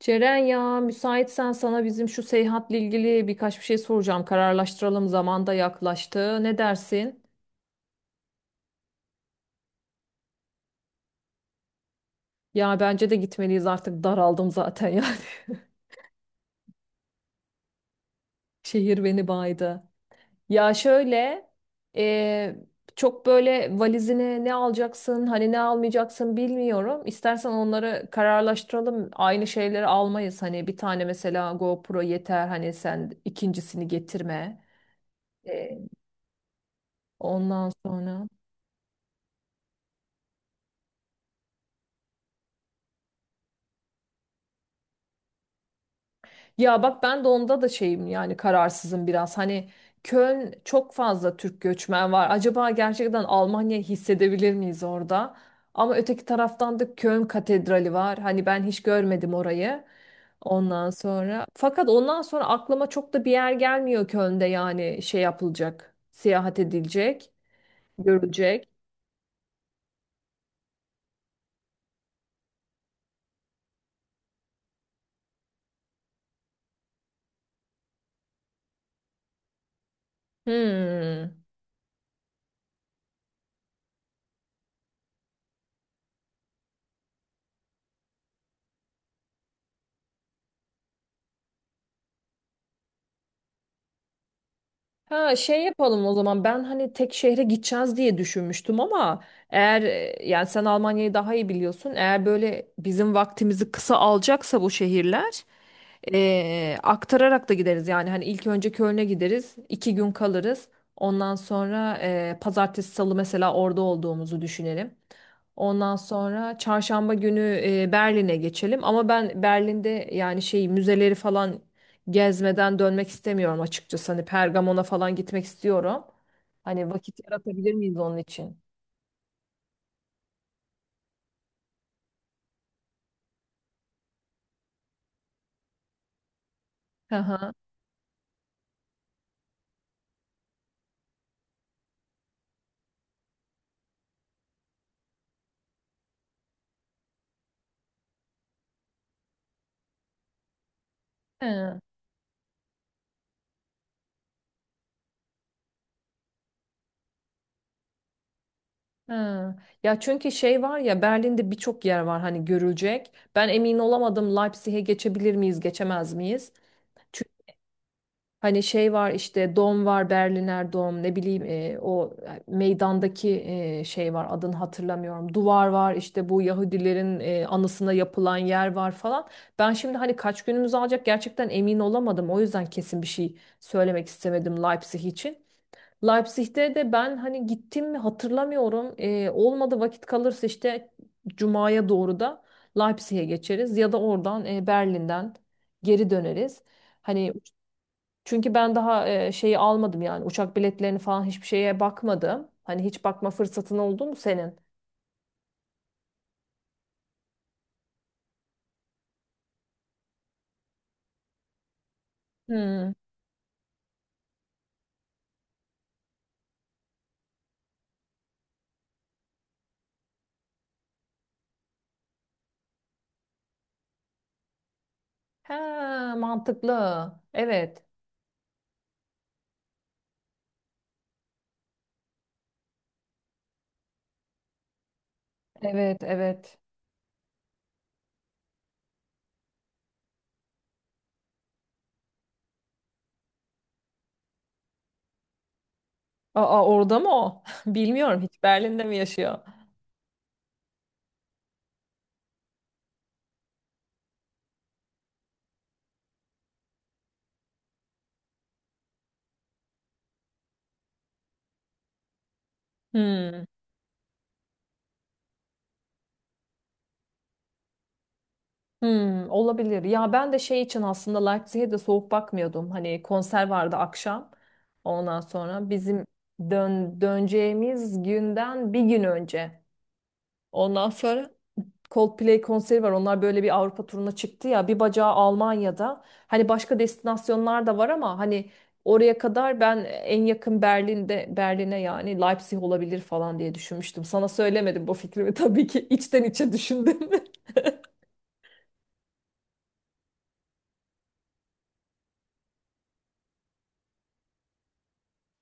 Ceren ya müsaitsen sana bizim şu seyahatle ilgili birkaç bir şey soracağım. Kararlaştıralım zaman da yaklaştı. Ne dersin? Ya bence de gitmeliyiz artık daraldım zaten yani. Şehir beni baydı. Ya şöyle e, çok böyle valizine ne alacaksın hani ne almayacaksın bilmiyorum. İstersen onları kararlaştıralım. Aynı şeyleri almayız. Hani bir tane mesela GoPro yeter hani sen ikincisini getirme. E, Ondan sonra. Ya bak ben de onda da şeyim yani kararsızım biraz. Hani Köln çok fazla Türk göçmen var. Acaba gerçekten Almanya hissedebilir miyiz orada? Ama öteki taraftan da Köln Katedrali var. Hani ben hiç görmedim orayı. Ondan sonra fakat ondan sonra aklıma çok da bir yer gelmiyor Köln'de yani şey yapılacak, seyahat edilecek, görülecek. Hmm. Ha şey yapalım o zaman ben hani tek şehre gideceğiz diye düşünmüştüm ama eğer yani sen Almanya'yı daha iyi biliyorsun eğer böyle bizim vaktimizi kısa alacaksa bu şehirler aktararak da gideriz yani hani ilk önce Köln'e gideriz iki gün kalırız ondan sonra pazartesi salı mesela orada olduğumuzu düşünelim. Ondan sonra çarşamba günü Berlin'e geçelim. Ama ben Berlin'de yani şey müzeleri falan gezmeden dönmek istemiyorum açıkçası. Hani Pergamon'a falan gitmek istiyorum. Hani vakit yaratabilir miyiz onun için? Hı hı. Hı, hı. Ya çünkü şey var ya Berlin'de birçok yer var hani görülecek. Ben emin olamadım Leipzig'e geçebilir miyiz, geçemez miyiz? Hani şey var işte Dom var Berliner Dom ne bileyim o meydandaki şey var adını hatırlamıyorum. Duvar var işte bu Yahudilerin anısına yapılan yer var falan. Ben şimdi hani kaç günümüz alacak gerçekten emin olamadım. O yüzden kesin bir şey söylemek istemedim Leipzig için. Leipzig'te de ben hani gittim mi hatırlamıyorum. Olmadı vakit kalırsa işte Cuma'ya doğru da Leipzig'e geçeriz ya da oradan Berlin'den geri döneriz. Hani çünkü ben daha şeyi almadım yani uçak biletlerini falan hiçbir şeye bakmadım. Hani hiç bakma fırsatın oldu mu senin? Hmm. He, mantıklı. Evet. Evet, evet. Aa orada mı o? Bilmiyorum hiç Berlin'de mi yaşıyor? Hmm. Hmm, olabilir. Ya ben de şey için aslında Leipzig'e de soğuk bakmıyordum. Hani konser vardı akşam. Ondan sonra bizim döneceğimiz günden bir gün önce. Ondan sonra Coldplay konseri var. Onlar böyle bir Avrupa turuna çıktı ya. Bir bacağı Almanya'da. Hani başka destinasyonlar da var ama hani oraya kadar ben en yakın Berlin'de Berlin'e yani Leipzig olabilir falan diye düşünmüştüm. Sana söylemedim bu fikrimi tabii ki içten içe düşündüm.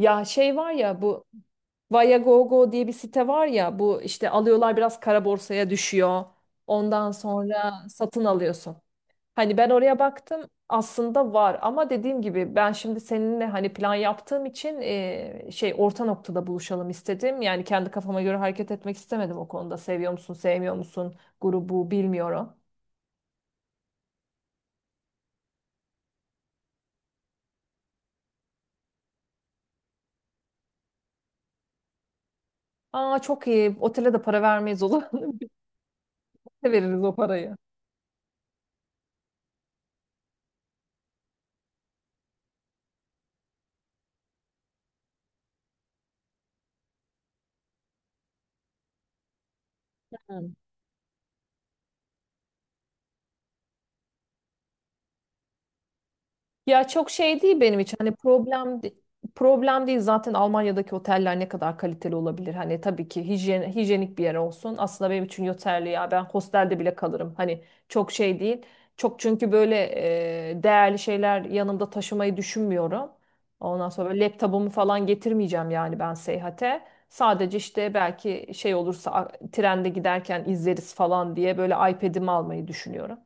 Ya şey var ya bu Viagogo diye bir site var ya bu işte alıyorlar biraz kara borsaya düşüyor. Ondan sonra satın alıyorsun. Hani ben oraya baktım aslında var ama dediğim gibi ben şimdi seninle hani plan yaptığım için şey orta noktada buluşalım istedim. Yani kendi kafama göre hareket etmek istemedim o konuda. Seviyor musun, sevmiyor musun grubu bilmiyorum. Aa çok iyi. Otele de para vermeyiz olur. Veririz o parayı. Ya çok şey değil benim için. Hani problem değil zaten Almanya'daki oteller ne kadar kaliteli olabilir. Hani tabii ki hijyen, hijyenik bir yer olsun. Aslında benim için yeterli ya. Ben hostelde bile kalırım. Hani çok şey değil. Çok çünkü böyle değerli şeyler yanımda taşımayı düşünmüyorum. Ondan sonra böyle laptopumu falan getirmeyeceğim yani ben seyahate. Sadece işte belki şey olursa trende giderken izleriz falan diye böyle iPad'imi almayı düşünüyorum.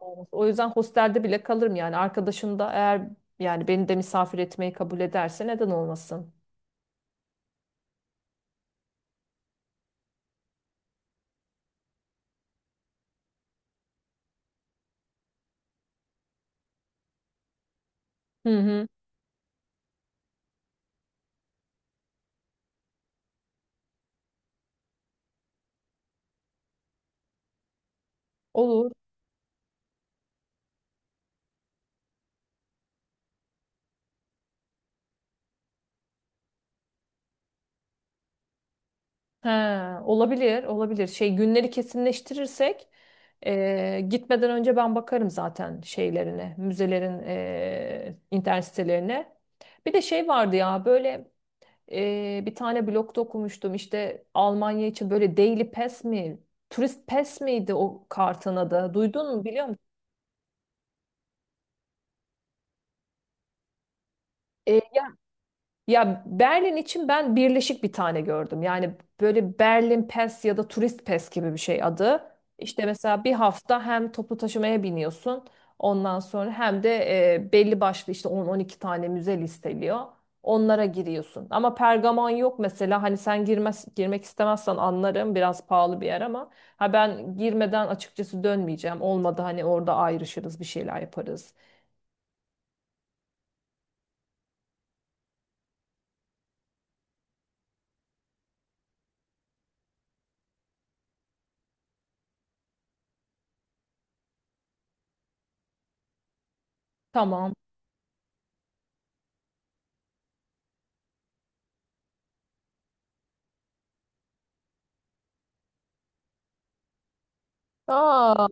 Olmaz. O yüzden hostelde bile kalırım yani. Arkadaşın da eğer yani beni de misafir etmeyi kabul ederse neden olmasın? Hı hı. Olur. He, olabilir, olabilir. Şey günleri kesinleştirirsek gitmeden önce ben bakarım zaten şeylerine, müzelerin internet sitelerine. Bir de şey vardı ya böyle bir tane blogda okumuştum işte Almanya için böyle Daily Pass mi, Turist Pass miydi o kartın adı? Duydun mu biliyor musun? Ya Berlin için ben birleşik bir tane gördüm. Yani böyle Berlin Pass ya da Turist Pass gibi bir şey adı. İşte mesela bir hafta hem toplu taşımaya biniyorsun. Ondan sonra hem de belli başlı işte 10-12 tane müze listeliyor. Onlara giriyorsun. Ama Pergamon yok mesela. Hani sen girmez, girmek istemezsen anlarım. Biraz pahalı bir yer ama ha ben girmeden açıkçası dönmeyeceğim. Olmadı hani orada ayrışırız, bir şeyler yaparız. Tamam. Aa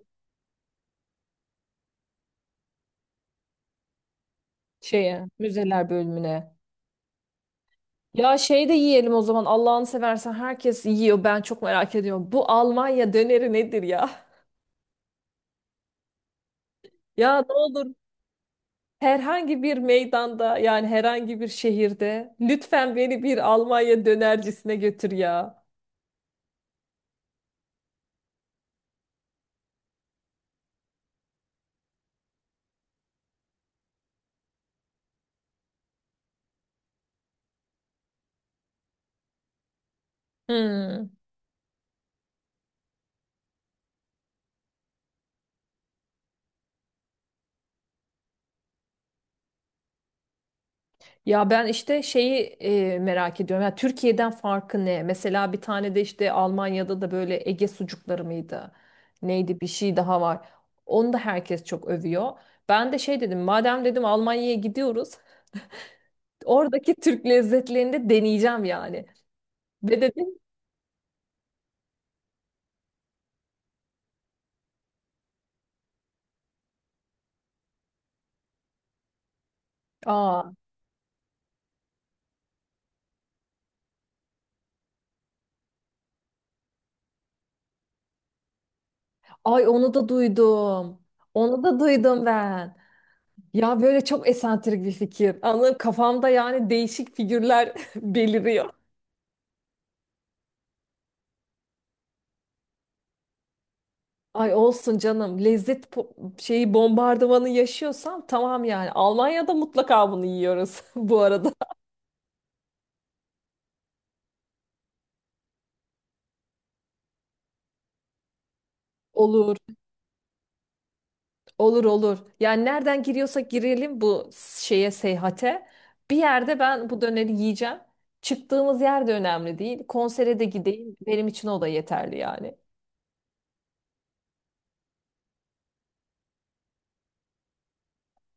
şeye, müzeler bölümüne. Ya şey de yiyelim o zaman Allah'ını seversen herkes yiyor ben çok merak ediyorum. Bu Almanya döneri nedir ya? Ya ne olur herhangi bir meydanda yani herhangi bir şehirde lütfen beni bir Almanya dönercisine götür ya. Hmm. Ya ben işte şeyi merak ediyorum. Ya Türkiye'den farkı ne? Mesela bir tane de işte Almanya'da da böyle Ege sucukları mıydı? Neydi bir şey daha var. Onu da herkes çok övüyor. Ben de şey dedim, madem dedim Almanya'ya gidiyoruz, oradaki Türk lezzetlerini de deneyeceğim yani. Ve dedim aa ay onu da duydum. Onu da duydum ben. Ya böyle çok esantrik bir fikir. Anladın kafamda yani değişik figürler beliriyor. Ay olsun canım lezzet şeyi bombardımanı yaşıyorsam tamam yani. Almanya'da mutlaka bunu yiyoruz bu arada. Olur. Olur olur. Yani nereden giriyorsak girelim bu şeye seyahate. Bir yerde ben bu döneri yiyeceğim. Çıktığımız yer de önemli değil. Konsere de gideyim. Benim için o da yeterli yani.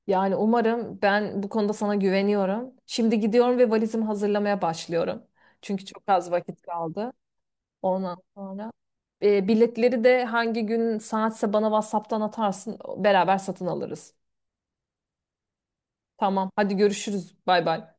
Yani umarım ben bu konuda sana güveniyorum. Şimdi gidiyorum ve valizimi hazırlamaya başlıyorum. Çünkü çok az vakit kaldı. Ondan sonra biletleri de hangi gün saatse bana WhatsApp'tan atarsın. Beraber satın alırız. Tamam. Hadi görüşürüz. Bay bay.